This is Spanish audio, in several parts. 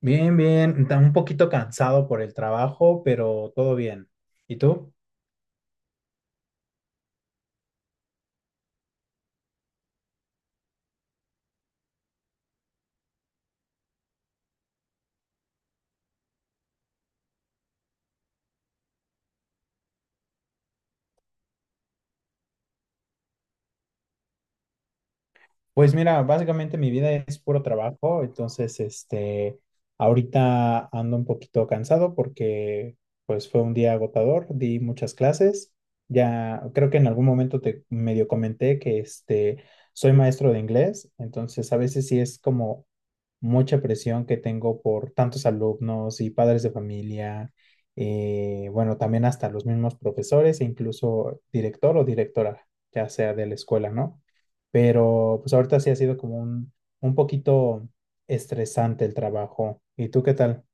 Bien, bien, un poquito cansado por el trabajo, pero todo bien. ¿Y tú? Pues mira, básicamente mi vida es puro trabajo, entonces ahorita ando un poquito cansado porque pues fue un día agotador, di muchas clases. Ya creo que en algún momento te medio comenté que soy maestro de inglés, entonces a veces sí es como mucha presión que tengo por tantos alumnos y padres de familia. Bueno, también hasta los mismos profesores e incluso director o directora, ya sea de la escuela, ¿no? Pero pues ahorita sí ha sido como un poquito estresante el trabajo. ¿Y tú qué tal?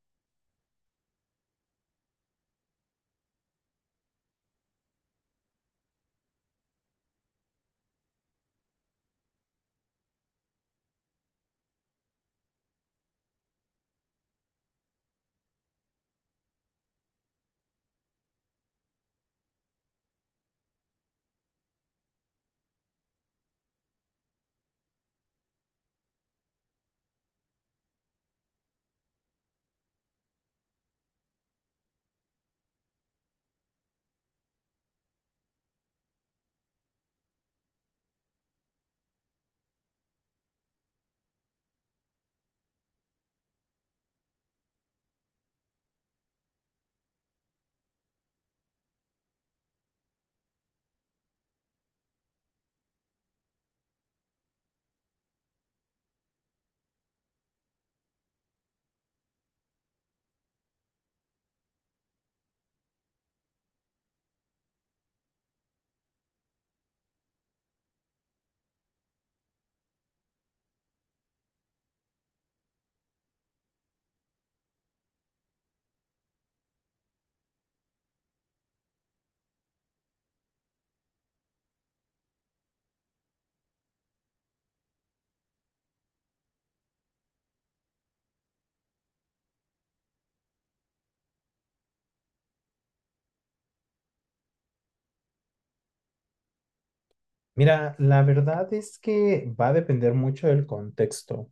Mira, la verdad es que va a depender mucho del contexto.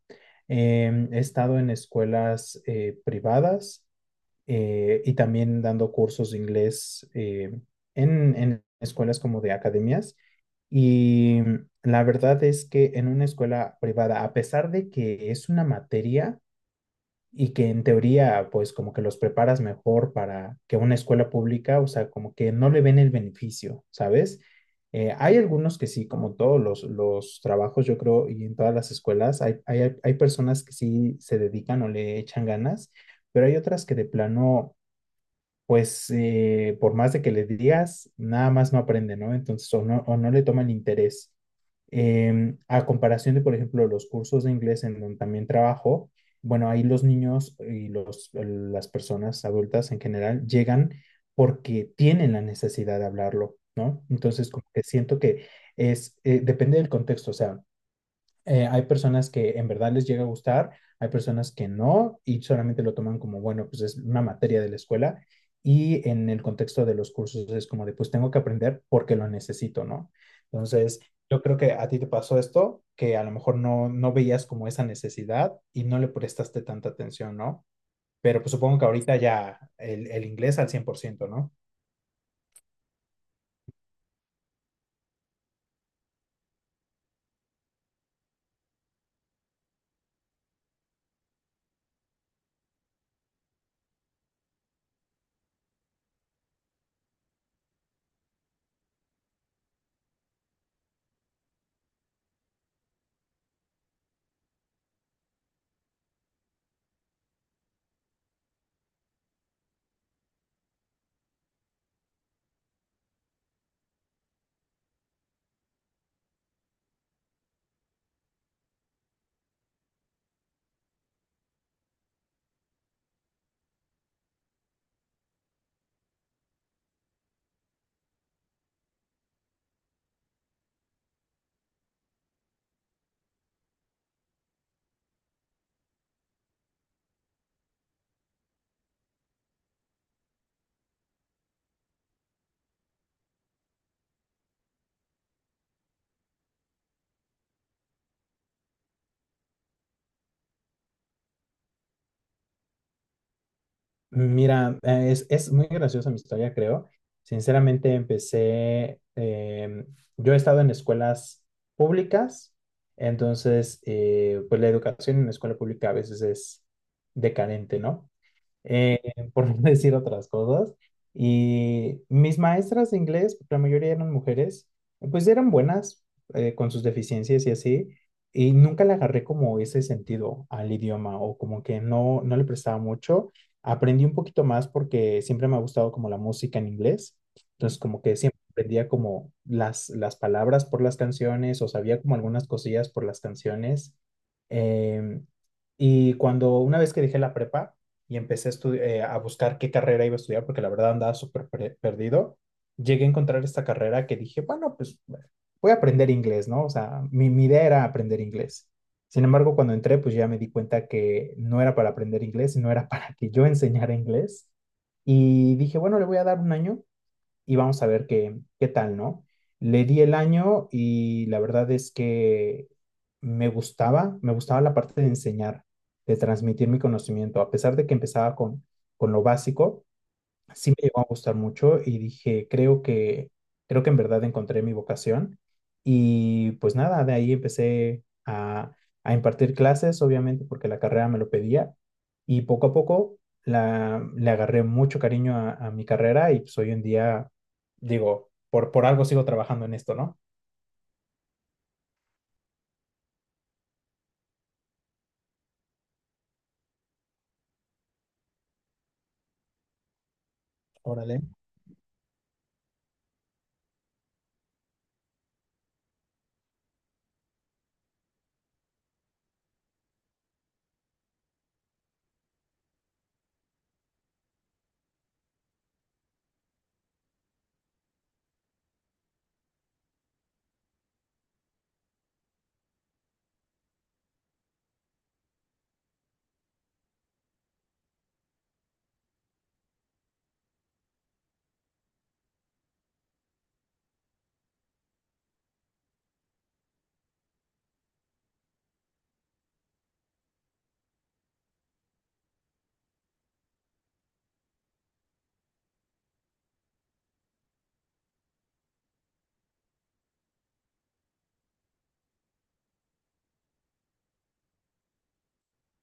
He estado en escuelas privadas, y también dando cursos de inglés, en escuelas como de academias. Y la verdad es que en una escuela privada, a pesar de que es una materia, y que en teoría, pues como que los preparas mejor para que una escuela pública, o sea, como que no le ven el beneficio, ¿sabes? Hay algunos que sí, como todos los trabajos, yo creo, y en todas las escuelas, hay personas que sí se dedican o le echan ganas, pero hay otras que de plano pues por más de que le digas, nada más no aprende, ¿no? Entonces, o no le toman interés. Em, a comparación de, por ejemplo, los cursos de inglés en donde también trabajo, bueno, ahí los niños y las personas adultas en general llegan porque tienen la necesidad de hablarlo, ¿no? Entonces, como que siento que es, depende del contexto, o sea, hay personas que en verdad les llega a gustar, hay personas que no y solamente lo toman como, bueno, pues es una materia de la escuela, y en el contexto de los cursos es como de, pues tengo que aprender porque lo necesito, ¿no? Entonces, yo creo que a ti te pasó esto, que a lo mejor no veías como esa necesidad y no le prestaste tanta atención, ¿no? Pero pues supongo que ahorita ya el inglés al cien por ciento, ¿no? Mira, es muy graciosa mi historia, creo. Sinceramente, empecé, em, yo he estado en escuelas públicas, entonces, pues la educación en la escuela pública a veces es decadente, ¿no? eh, por no decir otras cosas. Y mis maestras de inglés, la mayoría eran mujeres, pues eran buenas, con sus deficiencias y así, y nunca le agarré como ese sentido al idioma o como que no, no le prestaba mucho. Aprendí un poquito más porque siempre me ha gustado como la música en inglés, entonces como que siempre aprendía como las palabras por las canciones o sabía como algunas cosillas por las canciones. Em, y cuando una vez que dejé la prepa, y empecé a buscar qué carrera iba a estudiar porque la verdad andaba perdido. Llegué a encontrar esta carrera que dije, bueno, pues voy a aprender inglés, ¿no? O sea, mi idea era aprender inglés. Sin embargo, cuando entré, pues ya me di cuenta que no era para aprender inglés, sino era para que yo enseñara inglés. Y dije, bueno, le voy a dar un año y vamos a ver qué tal, ¿no? Le di el año y la verdad es que me gustaba la parte de enseñar, de transmitir mi conocimiento, a pesar de que empezaba con lo básico, sí me llegó a gustar mucho y dije, creo que en verdad encontré mi vocación. Y pues nada, de ahí empecé a impartir clases, obviamente porque la carrera me lo pedía. Y poco a poco le agarré mucho cariño a mi carrera y pues hoy en día, digo, por algo sigo trabajando en esto, ¿no? Órale.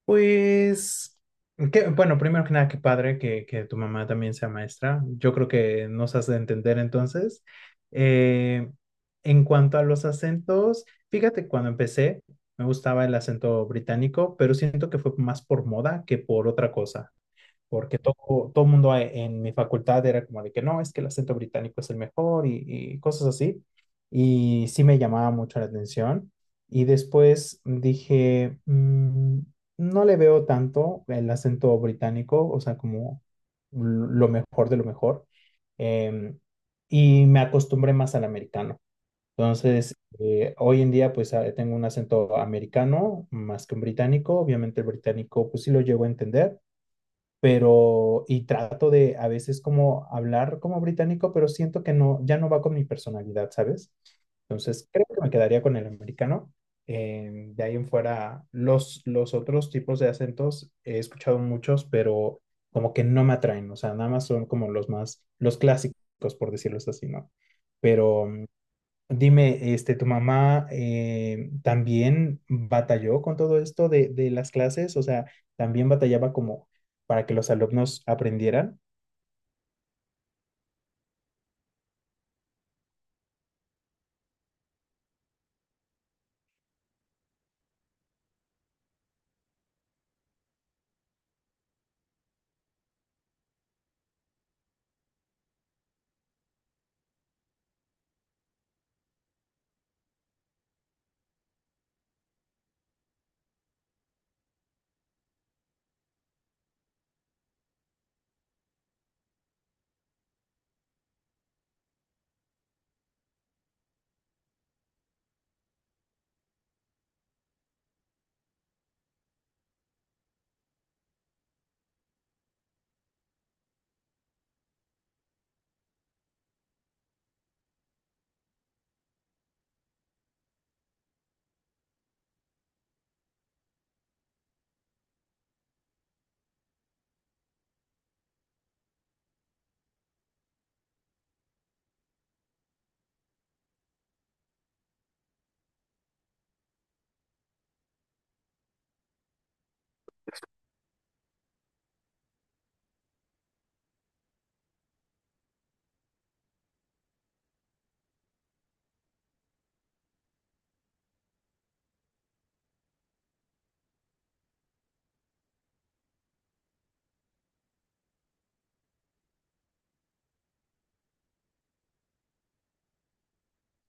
Pues, bueno, primero que nada, qué padre que tu mamá también sea maestra. Yo creo que nos has de entender entonces. Eh, en cuanto a los acentos, fíjate, cuando empecé me gustaba el acento británico, pero siento que fue más por moda que por otra cosa, porque todo mundo en mi facultad era como de que no, es que el acento británico es el mejor y cosas así. Y sí me llamaba mucho la atención. Y después dije, "Mm, no le veo tanto el acento británico, o sea, como lo mejor de lo mejor." Em, y me acostumbré más al americano. Entonces, hoy en día, pues ah, tengo un acento americano más que un británico. Obviamente, el británico, pues sí lo llego a entender, pero y trato de a veces como hablar como británico, pero siento que no, ya no va con mi personalidad, ¿sabes? Entonces creo que me quedaría con el americano. De ahí en fuera, los otros tipos de acentos he escuchado muchos, pero como que no me atraen, o sea, nada más son como los más, los clásicos, por decirlo así, ¿no? Pero dime, ¿tu mamá también batalló con todo esto de las clases? O sea, ¿también batallaba como para que los alumnos aprendieran?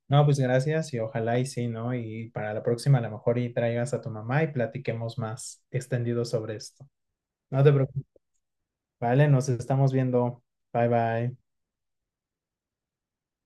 No, pues gracias y ojalá y sí, ¿no? Y para la próxima a lo mejor y traigas a tu mamá y platiquemos más extendido sobre esto. No te preocupes, ¿vale? Nos estamos viendo. Bye bye.